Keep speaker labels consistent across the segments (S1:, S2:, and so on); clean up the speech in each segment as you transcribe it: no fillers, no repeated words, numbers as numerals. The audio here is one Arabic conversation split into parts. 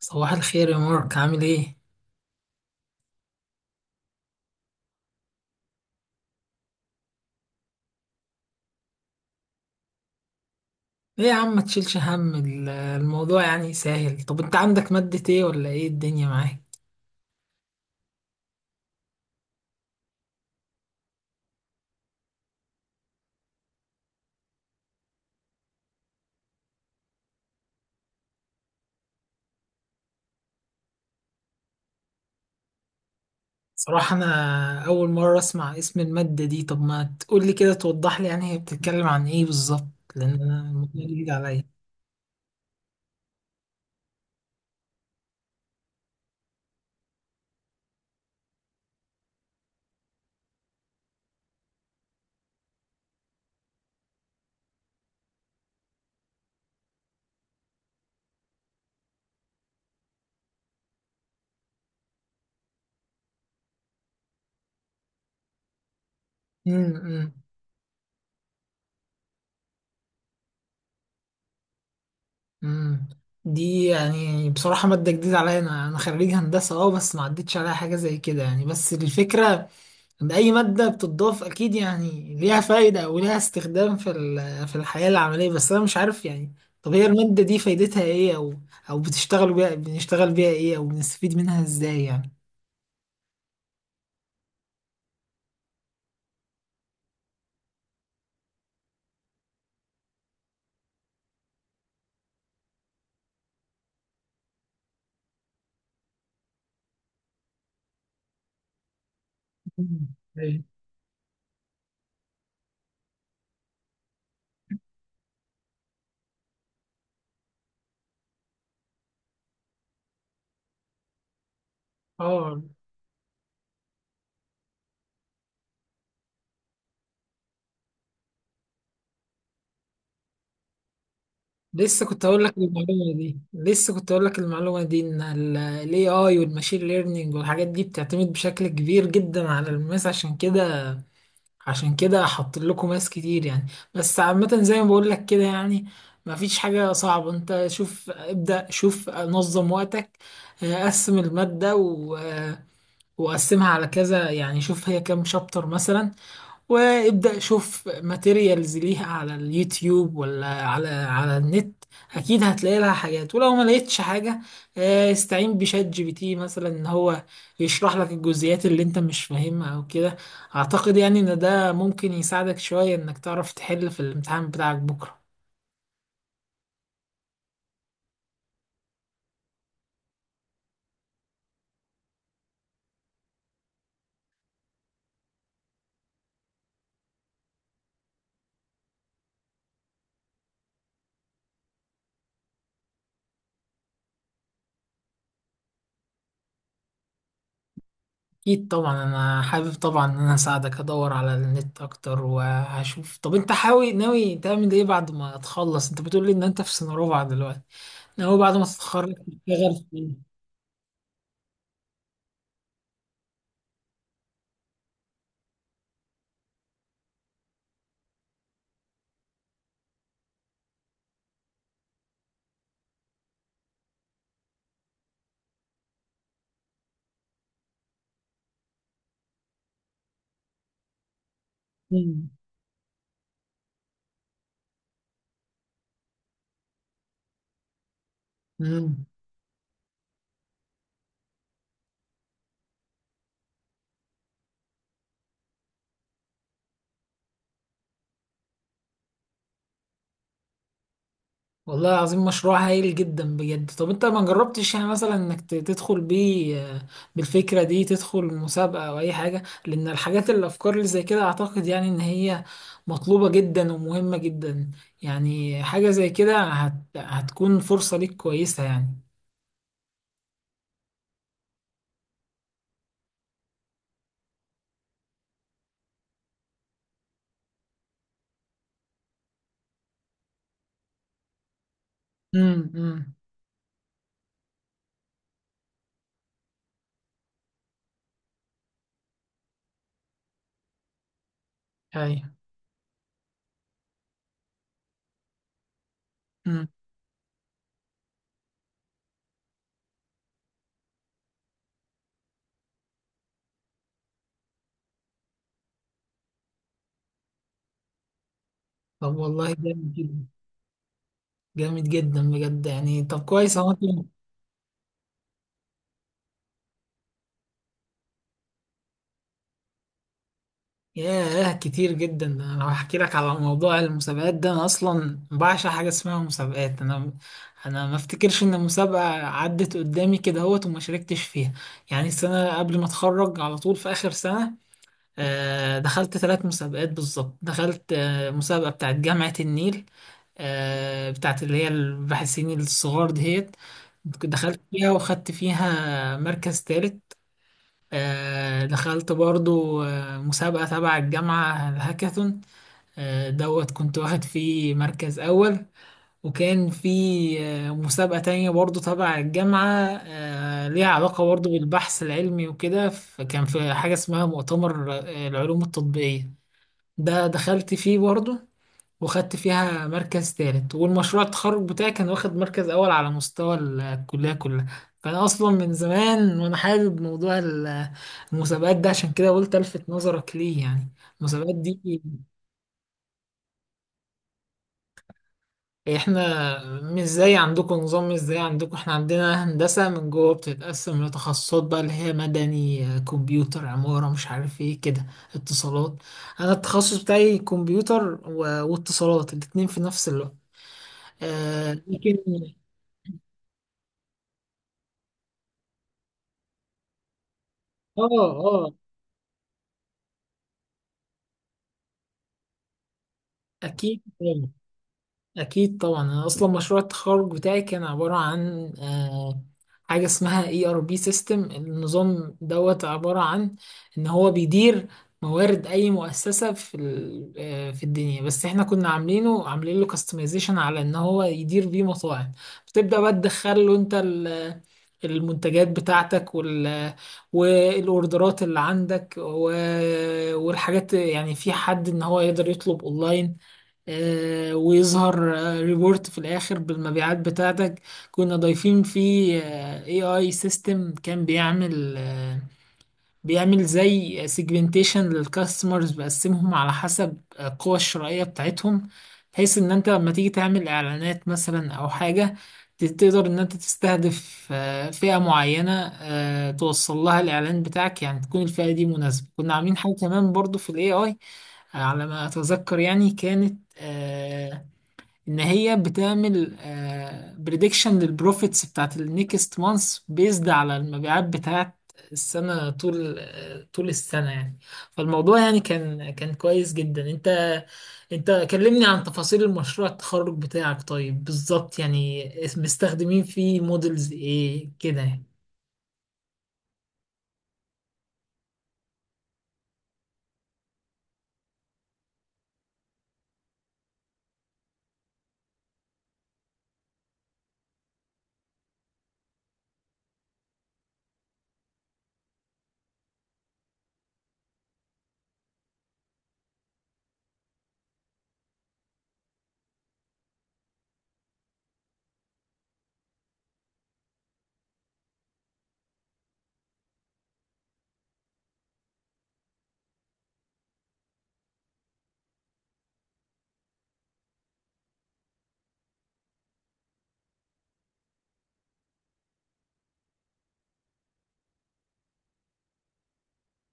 S1: صباح الخير يا مارك، عامل ايه؟ ايه يا عم، ما تشيلش هم الموضوع يعني سهل. طب انت عندك مادة ايه ولا ايه الدنيا معاك؟ صراحة انا اول مرة اسمع اسم المادة دي. طب ما تقولي كده توضح لي يعني هي بتتكلم عن ايه بالظبط، لان انا الموضوع جديد عليا. امم امم امم. دي يعني بصراحة مادة جديدة عليا. انا خريج هندسة، اه، بس ما عدتش عليها حاجة زي كده يعني. بس الفكرة أي مادة بتضاف أكيد يعني ليها فايدة أو ليها استخدام في الحياة العملية، بس أنا مش عارف يعني. طب هي المادة دي فايدتها إيه، أو أو بتشتغل بيها، بنشتغل بيها إيه، أو بنستفيد منها إزاي يعني؟ مم. إيه. آه. لسه كنت هقول لك المعلومة دي، لسه كنت هقول لك المعلومة دي، إن ال AI والماشين ليرنينج والحاجات دي بتعتمد بشكل كبير جدا على الماس، عشان كده. عشان كده حاطين لكم ناس كتير يعني. بس عامة زي ما بقول لك كده يعني، مفيش حاجة صعبة. انت شوف، ابدأ شوف، نظم وقتك. قسم المادة وقسمها على كذا. يعني شوف هي كام شابتر مثلا، وابدأ شوف ماتيريالز ليها على اليوتيوب ولا على على النت. اكيد هتلاقي لها حاجات، ولو ما لقيتش حاجة استعين بشات جي بي تي مثلا، ان هو يشرح لك الجزئيات اللي انت مش فاهمها او كده. اعتقد يعني ان ده ممكن يساعدك شوية انك تعرف تحل في الامتحان بتاعك بكرة. اكيد طبعا انا حابب طبعا ان انا اساعدك. ادور على النت اكتر وهشوف. طب انت حاوي ناوي تعمل ايه بعد ما تخلص؟ انت بتقول لي ان انت في سنة رابعة دلوقتي، هو بعد ما تتخرج تشتغل في؟ مم. مم. والله العظيم مشروع هايل جدا بجد. طب انت ما جربتش يعني مثلا انك تدخل بيه بالفكرة دي تدخل مسابقة او اي حاجة؟ لان الحاجات الافكار اللي زي كده اعتقد يعني ان هي مطلوبة جدا ومهمة جدا. يعني حاجة زي كده هتكون فرصة ليك كويسة يعني. امم. ايوه. امم. طب والله جامد جدا. جامد جدا بجد يعني، طب كويس اهو. ياه، كتير جدا. ده انا لو هحكي لك على موضوع المسابقات ده، انا اصلا بعشق حاجه اسمها مسابقات. انا ما افتكرش ان مسابقه عدت قدامي كده اهوت وما شاركتش فيها. يعني السنه قبل ما اتخرج على طول في اخر سنه دخلت ثلاث مسابقات بالظبط. دخلت مسابقه بتاعت جامعه النيل، بتاعت اللي هي الباحثين الصغار دهيت، دخلت فيها وخدت فيها مركز ثالث. دخلت برضو مسابقة تبع الجامعة، الهاكاثون، دوت كنت واخد فيه مركز أول. وكان في مسابقة تانية برضو تبع الجامعة، ليها علاقة برضو بالبحث العلمي وكده. فكان في حاجة اسمها مؤتمر العلوم التطبيقية، ده دخلت فيه برضو وخدت فيها مركز تالت. والمشروع التخرج بتاعي كان واخد مركز أول على مستوى الكلية كلها. فأنا أصلا من زمان وأنا حابب موضوع المسابقات ده، عشان كده قلت ألفت نظرك ليه يعني، المسابقات دي. إحنا مش زي عندكم نظام، مش زي عندكم. إحنا عندنا هندسة من جوه بتتقسم لتخصصات بقى، اللي هي مدني، كمبيوتر، عمارة، مش عارف إيه كده، اتصالات. أنا التخصص بتاعي كمبيوتر واتصالات الاتنين في نفس الوقت، لكن اه اه اكيد طبعاً. أكيد طبعا. أنا أصلا مشروع التخرج بتاعي كان عبارة عن حاجة اسمها اي ار بي سيستم، النظام دوت عبارة عن إن هو بيدير موارد أي مؤسسة في ال- آه، في الدنيا، بس احنا كنا عاملينه، عاملين له كاستمايزيشن على إن هو يدير بيه مطاعم. بتبدأ بقى تدخل له أنت المنتجات بتاعتك والاوردرات اللي عندك والحاجات، يعني في حد ان هو يقدر يطلب اونلاين، ويظهر ريبورت في الاخر بالمبيعات بتاعتك. كنا ضايفين فيه اي اي سيستم، كان بيعمل بيعمل زي سيجمنتيشن للكاستمرز، بقسمهم على حسب القوة الشرائية بتاعتهم، بحيث ان انت لما تيجي تعمل اعلانات مثلا او حاجة، تقدر ان انت تستهدف فئة معينة، توصل لها الاعلان بتاعك، يعني تكون الفئة دي مناسبة. كنا عاملين حاجة كمان برضو في الاي اي، على ما اتذكر يعني، كانت ان هي بتعمل بريدكشن للبروفيتس بتاعت النيكست مانث بيزد على المبيعات بتاعت السنة، طول طول السنة يعني. فالموضوع يعني كان كويس جدا. انت كلمني عن تفاصيل المشروع التخرج بتاعك طيب، بالظبط يعني مستخدمين فيه مودلز ايه كده يعني؟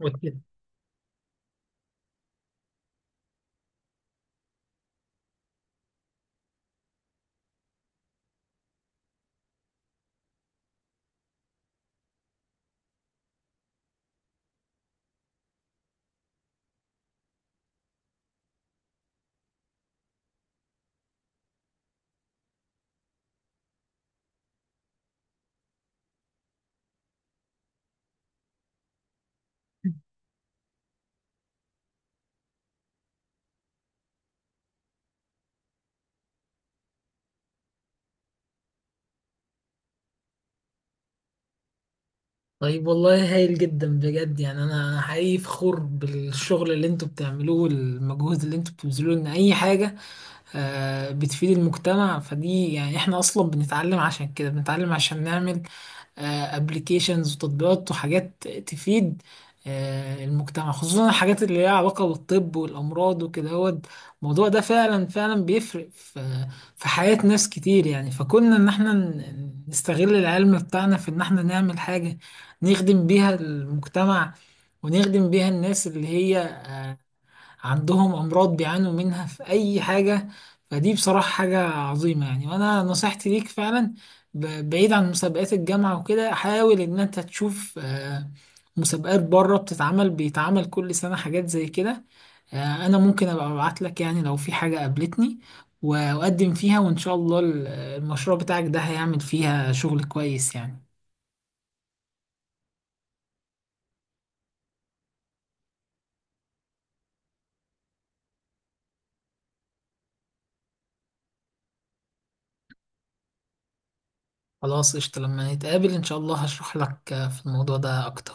S1: وكده. طيب والله هايل جدا بجد. يعني انا حقيقي فخور بالشغل اللي انتوا بتعملوه والمجهود اللي انتوا بتبذلوه، ان اي حاجة بتفيد المجتمع. فدي يعني احنا اصلا بنتعلم عشان كده، بنتعلم عشان نعمل ابلكيشنز وتطبيقات وحاجات تفيد المجتمع. خصوصا الحاجات اللي ليها علاقة بالطب والأمراض وكده، هو الموضوع ده فعلا فعلا بيفرق في في حياة ناس كتير يعني. فكنا إن احنا نستغل العلم بتاعنا في إن احنا نعمل حاجة نخدم بيها المجتمع، ونخدم بيها الناس اللي هي عندهم أمراض بيعانوا منها في أي حاجة. فدي بصراحة حاجة عظيمة يعني. وأنا نصيحتي ليك فعلا، بعيد عن مسابقات الجامعة وكده، حاول إن أنت تشوف مسابقات بره بتتعمل، بيتعمل كل سنة حاجات زي كده. أنا ممكن أبقى أبعت لك يعني لو في حاجة قابلتني، و- وأقدم فيها، وإن شاء الله المشروع بتاعك ده هيعمل فيها شغل كويس يعني. خلاص، قشطة. لما نتقابل إن شاء الله هشرح لك في الموضوع ده أكتر.